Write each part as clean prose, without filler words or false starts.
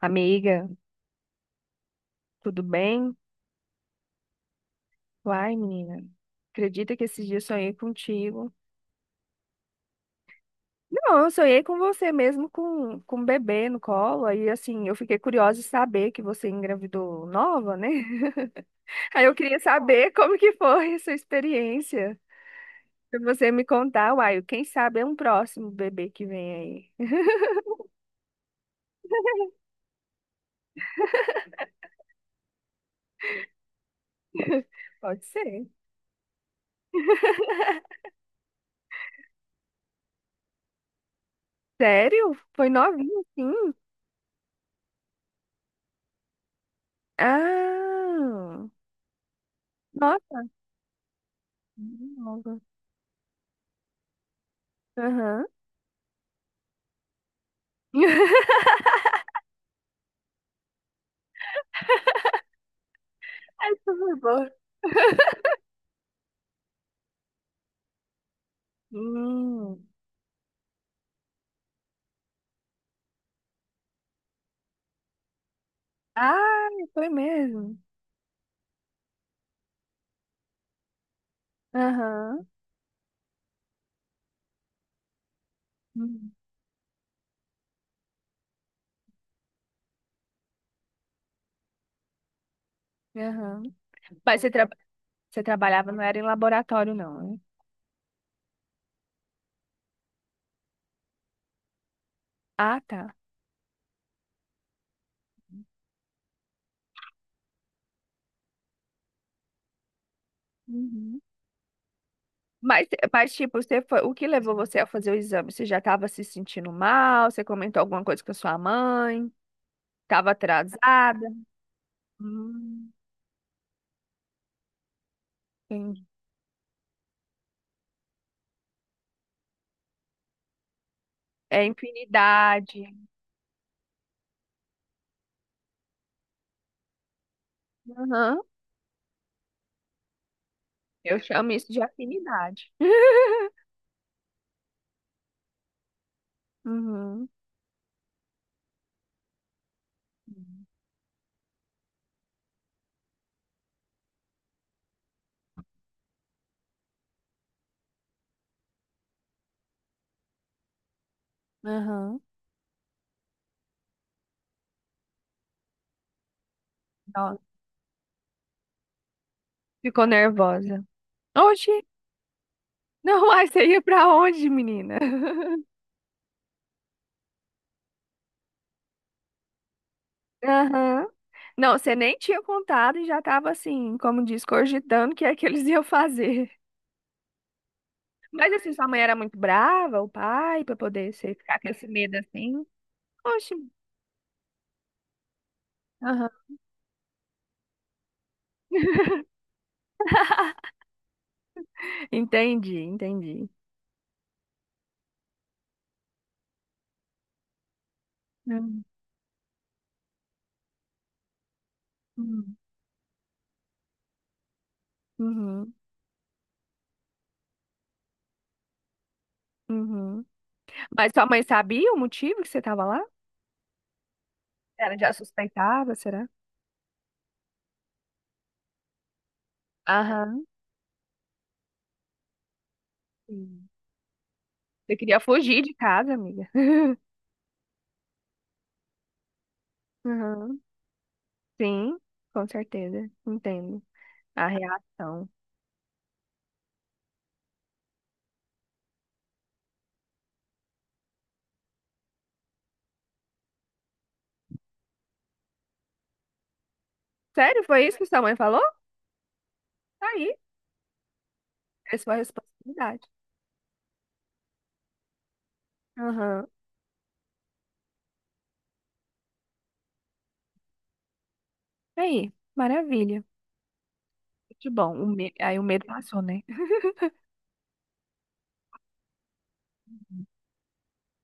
Amiga, tudo bem? Uai, menina, acredita que esses dias sonhei contigo? Não, eu sonhei com você mesmo, com um bebê no colo. Aí, assim, eu fiquei curiosa de saber que você engravidou nova, né? Aí eu queria saber como que foi essa experiência. Pra você me contar, uai, quem sabe é um próximo bebê que vem aí. Pode ser. Sério? Foi novinho, sim? Ah, nossa, nova. Aham. Essa foi boa. Hum. Ah, foi mesmo. Aham. Hum, aham. Mas você, tra- Você trabalhava, não era em laboratório, não, né? Ah, tá. Uhum. Tipo, você foi... o que levou você a fazer o exame? Você já estava se sentindo mal? Você comentou alguma coisa com a sua mãe? Estava atrasada? Hum, entendi. É infinidade. Aham. Eu chamo isso de afinidade. Uhum. Aham. Nossa, ficou nervosa. Oxi. Não, mas você ia pra onde, menina? Aham. Não, você nem tinha contado e já tava assim, como diz, cogitando o que é que eles iam fazer. Mas assim, sua mãe era muito brava, o pai, pra poder você ficar com esse medo assim. Oxe. Aham. Entendi, entendi. Uhum, uhum, uhum. Mas sua mãe sabia o motivo que você tava lá? Ela já suspeitava, será? Aham. Sim. Você queria fugir de casa, amiga. Aham. Sim, com certeza. Entendo. A reação. Sério, foi isso que sua mãe falou? Tá. Aí, é sua responsabilidade. Aham. Aí, maravilha. Muito bom. Aí o medo passou, né?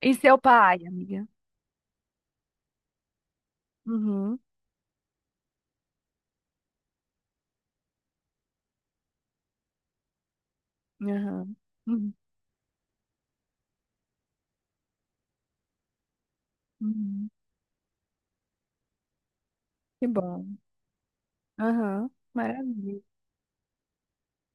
E seu pai, amiga? Uhum. Aham. Uhum. Uhum. Que bom. Aham. Maravilha.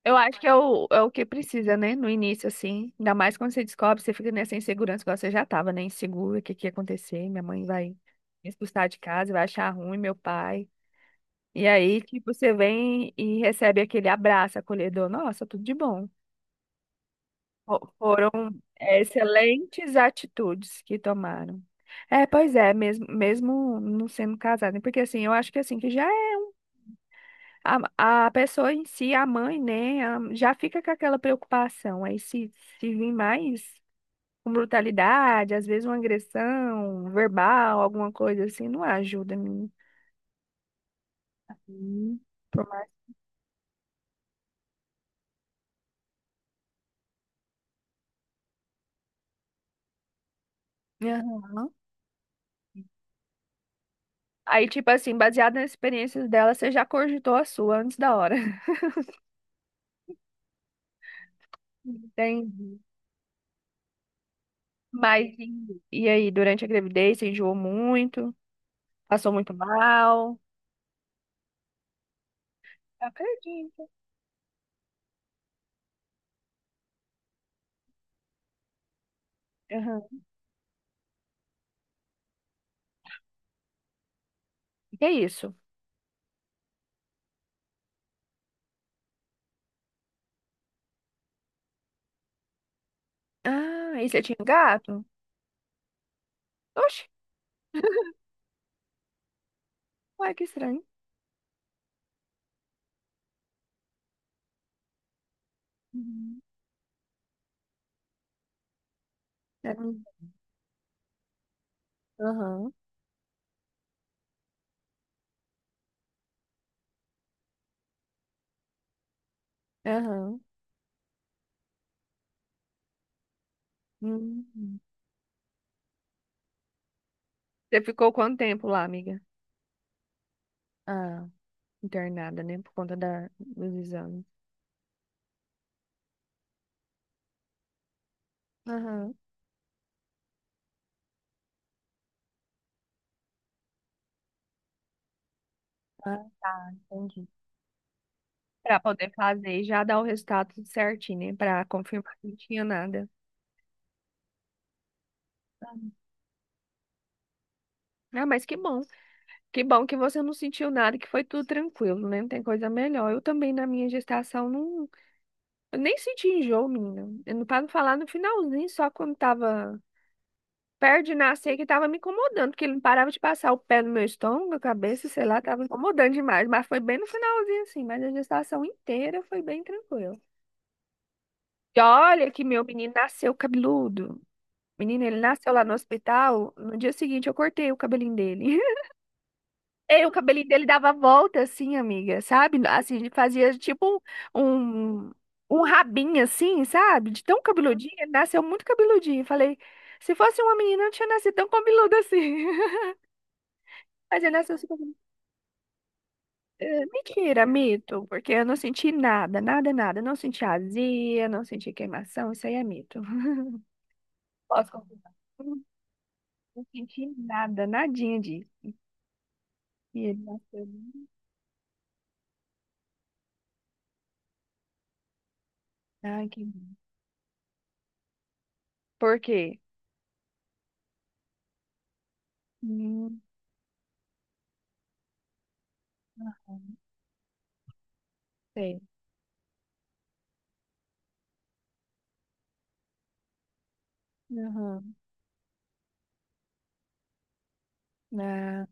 Eu acho que é é o que precisa, né? No início, assim. Ainda mais quando você descobre, você fica nessa insegurança, igual você já tava, né? Insegura, o que que ia acontecer? Minha mãe vai me expulsar de casa, vai achar ruim meu pai. E aí, tipo, você vem e recebe aquele abraço acolhedor. Nossa, tudo de bom. Foram excelentes atitudes que tomaram. É, pois é, mesmo, mesmo não sendo casada, né? Porque assim, eu acho que assim, que já é a pessoa em si, a mãe, né, já fica com aquela preocupação. Aí se vir mais com brutalidade, às vezes uma agressão verbal, alguma coisa assim, não ajuda, menina. Hum. Por mais- Aham. Aí, tipo assim, baseado nas experiências dela, você já cogitou a sua antes da hora. Entendi. E aí, durante a gravidez, você enjoou muito? Passou muito mal? Acredito. Aham. O que é isso? Ah, e você tinha um gato? Oxe, ué, que estranho. Uhum. Era um- Aham, aham. Hum. Você ficou quanto tempo lá, amiga? Ah, internada, né? Por conta dos exames. Aham. Ah, entendi. Pra poder fazer e já dar o resultado tudo certinho, né? Pra confirmar que não tinha nada. Ah, mas que bom. Que bom que você não sentiu nada, que foi tudo tranquilo, né? Não tem coisa melhor. Eu também, na minha gestação, não... Eu nem senti enjoo, menina. Eu não- Pra não falar no finalzinho, só quando tava perto de nascer, que tava me incomodando, porque ele não parava de passar o pé no meu estômago, a cabeça, sei lá, tava incomodando demais. Mas foi bem no finalzinho, assim. Mas a gestação inteira foi bem tranquila. E olha que meu menino nasceu cabeludo. Menino, ele nasceu lá no hospital. No dia seguinte, eu cortei o cabelinho dele. E o cabelinho dele dava volta, assim, amiga, sabe? Assim, ele fazia tipo um, um um rabinho, assim, sabe? De tão cabeludinho. Ele nasceu muito cabeludinho. Falei, se fosse uma menina, eu não tinha nascido tão cabeludo assim. Mas ele nasceu super. Mentira, mito, porque eu não senti nada, nada, nada. Não senti azia, não senti queimação. Isso aí é mito. Posso confirmar? Não, não senti nada, nadinha disso. E ele nasceu. Ai, que... Por quê? Hum, sei. Aham. Ah,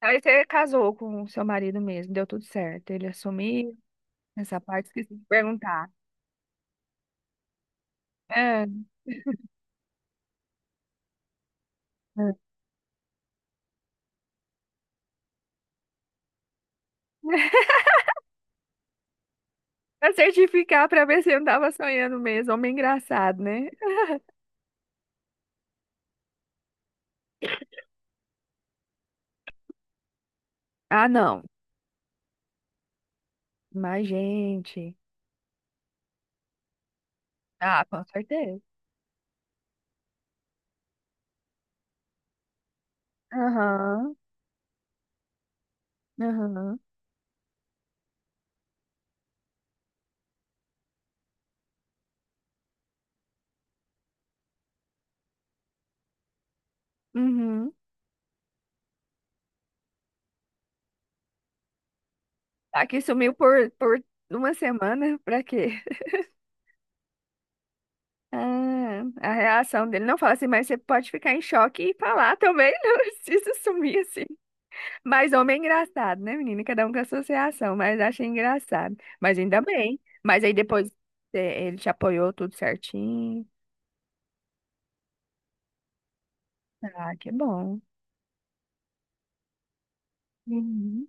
aí você casou com o seu marido mesmo, deu tudo certo. Ele assumiu essa parte, esqueci de perguntar. É, ah. Pra certificar, pra ver se eu não tava sonhando mesmo. Homem engraçado, né? Ah, não. Mas, gente. Ah, com certeza. Aham, aham. Uhum. Aqui sumiu por uma semana, pra quê? Ah, a reação dele não fala assim, mas você pode ficar em choque e falar também, não precisa sumir assim. Mas homem é engraçado, né, menina? Cada um com a sua reação, mas achei engraçado. Mas ainda bem. Mas aí depois é, ele te apoiou tudo certinho. Ah, que bom. Uhum.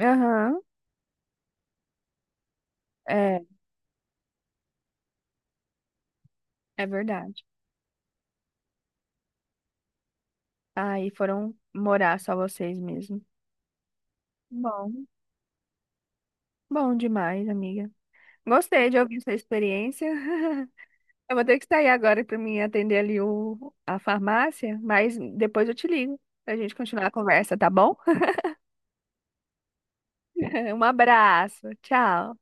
Aham, é, é verdade. Aí foram morar só vocês mesmo. Bom, bom demais, amiga. Gostei de ouvir sua experiência. Eu vou ter que sair agora para mim atender ali a farmácia, mas depois eu te ligo para a gente continuar a conversa, tá bom? Um abraço, tchau.